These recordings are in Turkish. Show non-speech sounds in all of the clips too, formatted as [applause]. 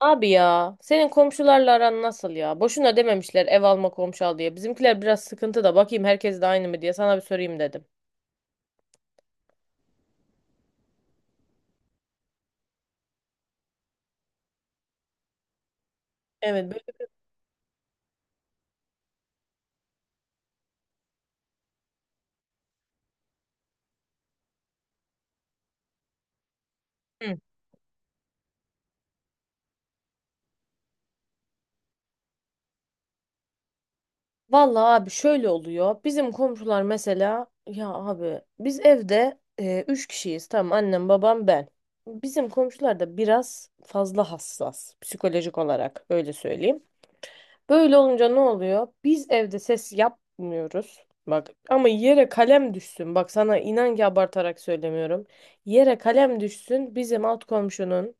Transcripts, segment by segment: Abi ya senin komşularla aran nasıl ya? Boşuna dememişler ev alma komşu al diye. Bizimkiler biraz sıkıntı da bakayım herkes de aynı mı diye sana bir sorayım dedim. Evet böyle. Hı. Vallahi abi şöyle oluyor. Bizim komşular mesela ya abi biz evde üç kişiyiz. Tamam annem babam ben. Bizim komşular da biraz fazla hassas psikolojik olarak öyle söyleyeyim. Böyle olunca ne oluyor? Biz evde ses yapmıyoruz. Bak ama yere kalem düşsün. Bak sana inan ki abartarak söylemiyorum. Yere kalem düşsün bizim alt komşunun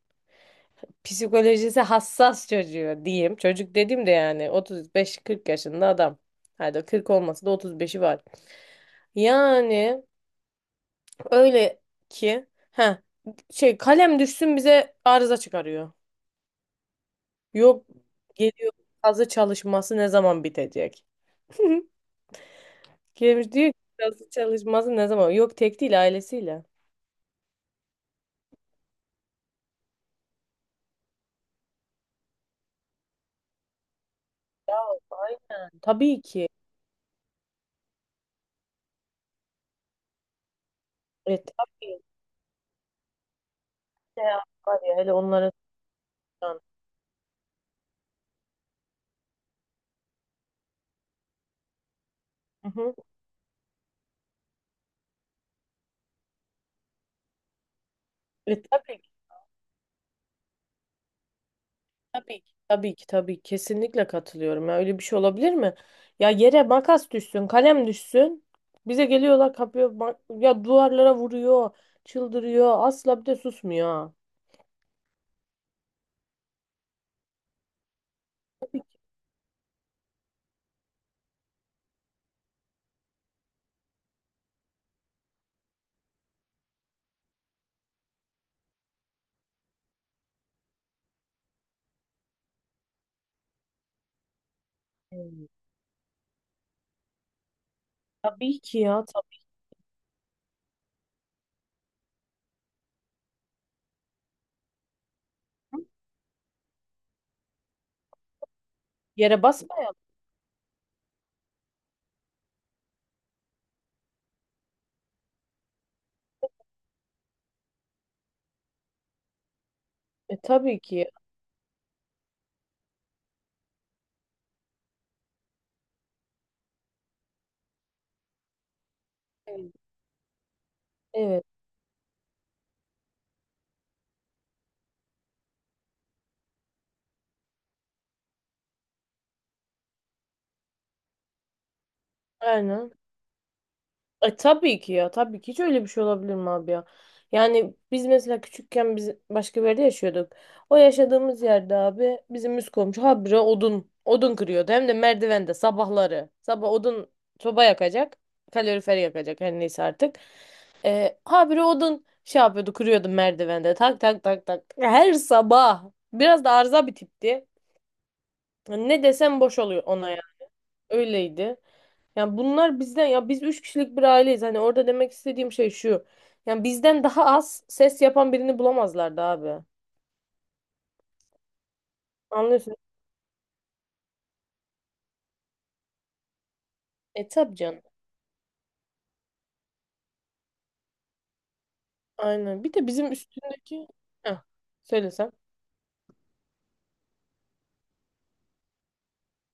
psikolojisi hassas çocuğu diyeyim. Çocuk dedim de yani 35-40 yaşında adam. Hadi 40 olmasa da 35'i var. Yani öyle ki ha şey kalem düşsün bize arıza çıkarıyor. Yok geliyor kazı çalışması ne zaman bitecek? [laughs] Gelmiş diyor ki nasıl çalışması ne zaman? Yok tek değil ailesiyle. Ya aynen. Tabii ki. E tabii. Ne ya, var ya hele onlara soran. Hı hı. E tabii ki. Tabii ki. Tabii ki tabii ki, kesinlikle katılıyorum ya, öyle bir şey olabilir mi? Ya yere makas düşsün, kalem düşsün. Bize geliyorlar kapıyor ma- ya duvarlara vuruyor, çıldırıyor. Asla bir de susmuyor. Ha. Hmm. Tabii ki ya tabii. Yere basma ya. E tabii ki. Evet. Evet. Aynen. E tabii ki ya tabii ki, hiç öyle bir şey olabilir mi abi ya? Yani biz mesela küçükken biz başka bir yerde yaşıyorduk. O yaşadığımız yerde abi bizim üst komşu habire odun odun kırıyordu. Hem de merdivende sabahları. Sabah odun soba yakacak. Kalorifer yakacak her neyse artık. Habire odun şey yapıyordu kırıyordu merdivende. Tak tak tak tak. Her sabah. Biraz da arıza bir tipti. Ne desem boş oluyor ona ya. Öyleydi. Yani bunlar bizden, ya biz üç kişilik bir aileyiz. Hani orada demek istediğim şey şu. Yani bizden daha az ses yapan birini bulamazlardı abi. Anlıyorsun. E tabii canım. Aynen. Bir de bizim üstündeki. Heh, söylesem.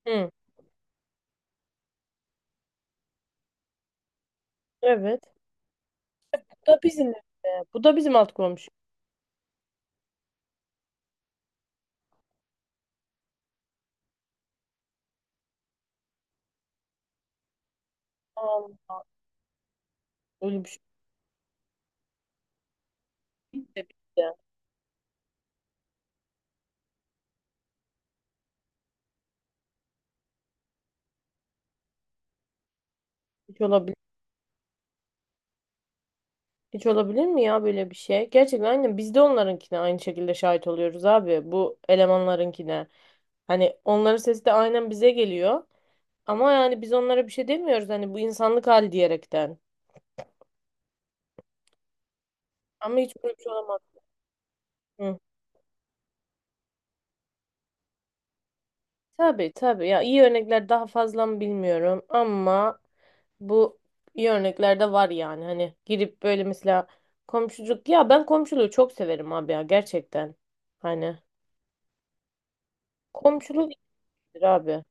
Hı. Evet. Bu da bizim evde. Bu da bizim alt komşu. Aa, öyle bir şey. Biz de. Hiç olabilir. Hiç olabilir mi ya böyle bir şey? Gerçekten aynen biz de onlarınkine aynı şekilde şahit oluyoruz abi. Bu elemanlarınkine. Hani onların sesi de aynen bize geliyor. Ama yani biz onlara bir şey demiyoruz hani, bu insanlık hali diyerekten. Ama hiç böyle bir şey olamaz. Hı. Tabii tabii, ya iyi örnekler daha fazla mı bilmiyorum ama bu iyi örnekler de var yani. Hani girip böyle mesela komşuluk, ya ben komşuluğu çok severim abi ya, gerçekten. Hani komşuluk iyidir abi.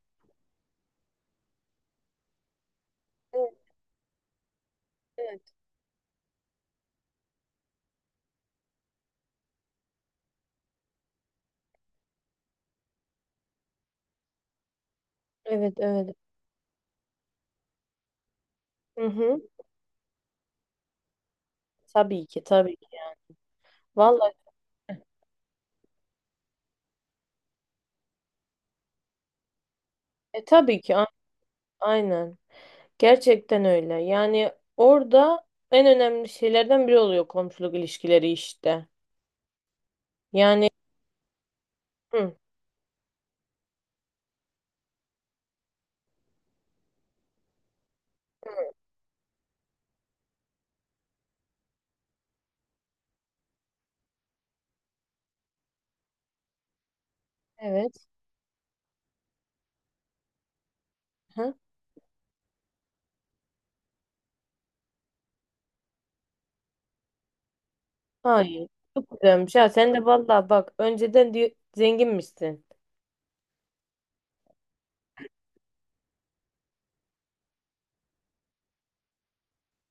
Evet evet. Evet evet. Hı hı. Tabii ki tabii ki. Vallahi tabii ki a- aynen. Gerçekten öyle. Yani orada en önemli şeylerden biri oluyor komşuluk ilişkileri işte. Yani hı, evet. Hı, hayır. Çok güzelmiş ha. Sen de vallahi bak önceden diyor, zenginmişsin.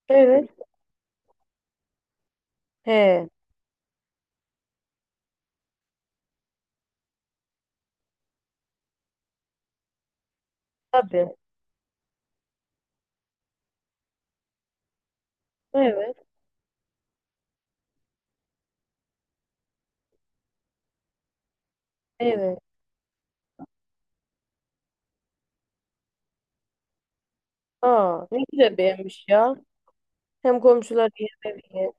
Evet. He. Tabii. Evet. Evet. Aa, ne güzel beğenmiş ya. Hem komşular hem evi.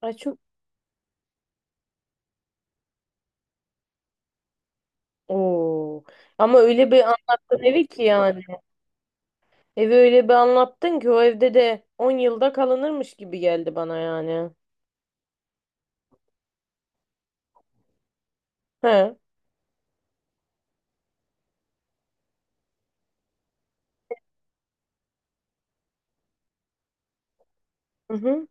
Ay çok. Oo. Ama öyle bir anlattın evi ki yani. Evi öyle bir anlattın ki o evde de 10 yılda kalınırmış gibi geldi bana yani. He. Hı hı.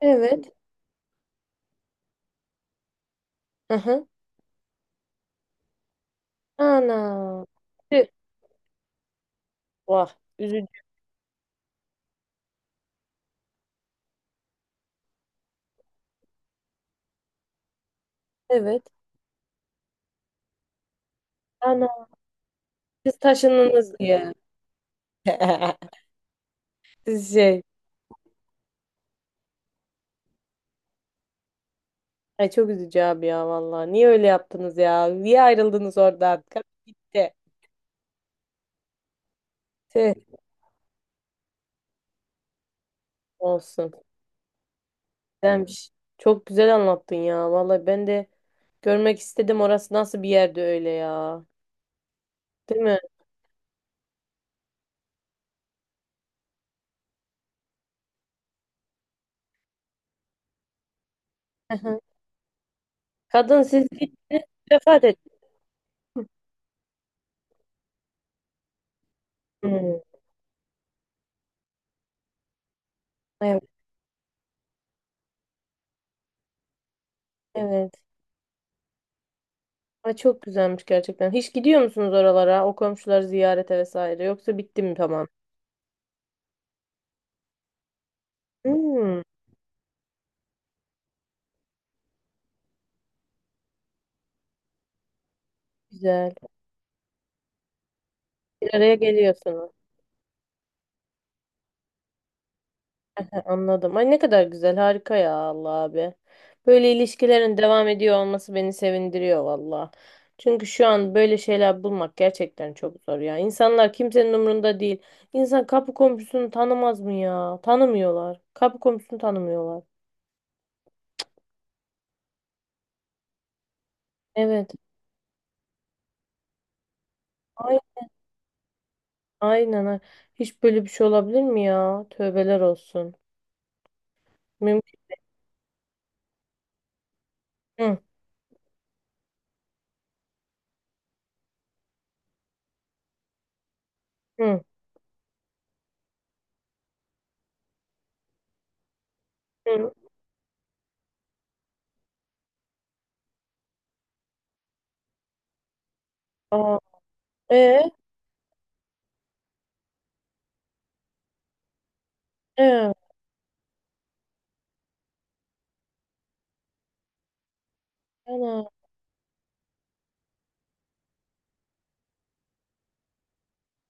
Evet. Hı hı. Ana. Tüh. Vah. Üzücü. Evet. Ana. Siz taşındınız diye. [laughs] Siz şey. Ay çok üzücü abi ya vallahi. Niye öyle yaptınız ya? Niye ayrıldınız oradan? Kadın gitti. Tüh. Olsun. Güzelmiş. Çok güzel anlattın ya. Vallahi ben de görmek istedim. Orası nasıl bir yerde öyle ya. Değil mi? Hı hı. Kadın siz gittiniz. Vefat etti. Hı. Evet. Evet. Ay çok güzelmiş gerçekten. Hiç gidiyor musunuz oralara? O komşuları ziyarete vesaire. Yoksa bitti mi tamam? Hmm, güzel. Bir araya geliyorsunuz. He, anladım. Ay ne kadar güzel. Harika ya Allah abi. Böyle ilişkilerin devam ediyor olması beni sevindiriyor valla. Çünkü şu an böyle şeyler bulmak gerçekten çok zor ya. İnsanlar kimsenin umurunda değil. İnsan kapı komşusunu tanımaz mı ya? Tanımıyorlar. Kapı komşusunu tanımıyorlar. Evet. Ay- Aynen. Ha. Hiç böyle bir şey olabilir mi ya? Tövbeler olsun. Mümkün. Hı, hı, hı. Aa, e, e, ana.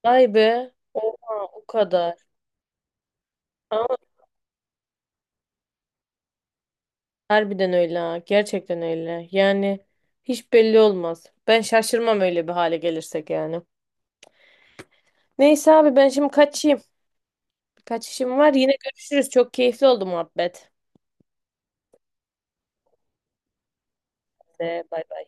Vay be. Oha, o kadar. Ama harbiden öyle ha. Gerçekten öyle. Yani hiç belli olmaz. Ben şaşırmam öyle bir hale gelirsek yani. Neyse abi ben şimdi kaçayım. Kaç işim var. Yine görüşürüz. Çok keyifli oldu muhabbet. Bay bay.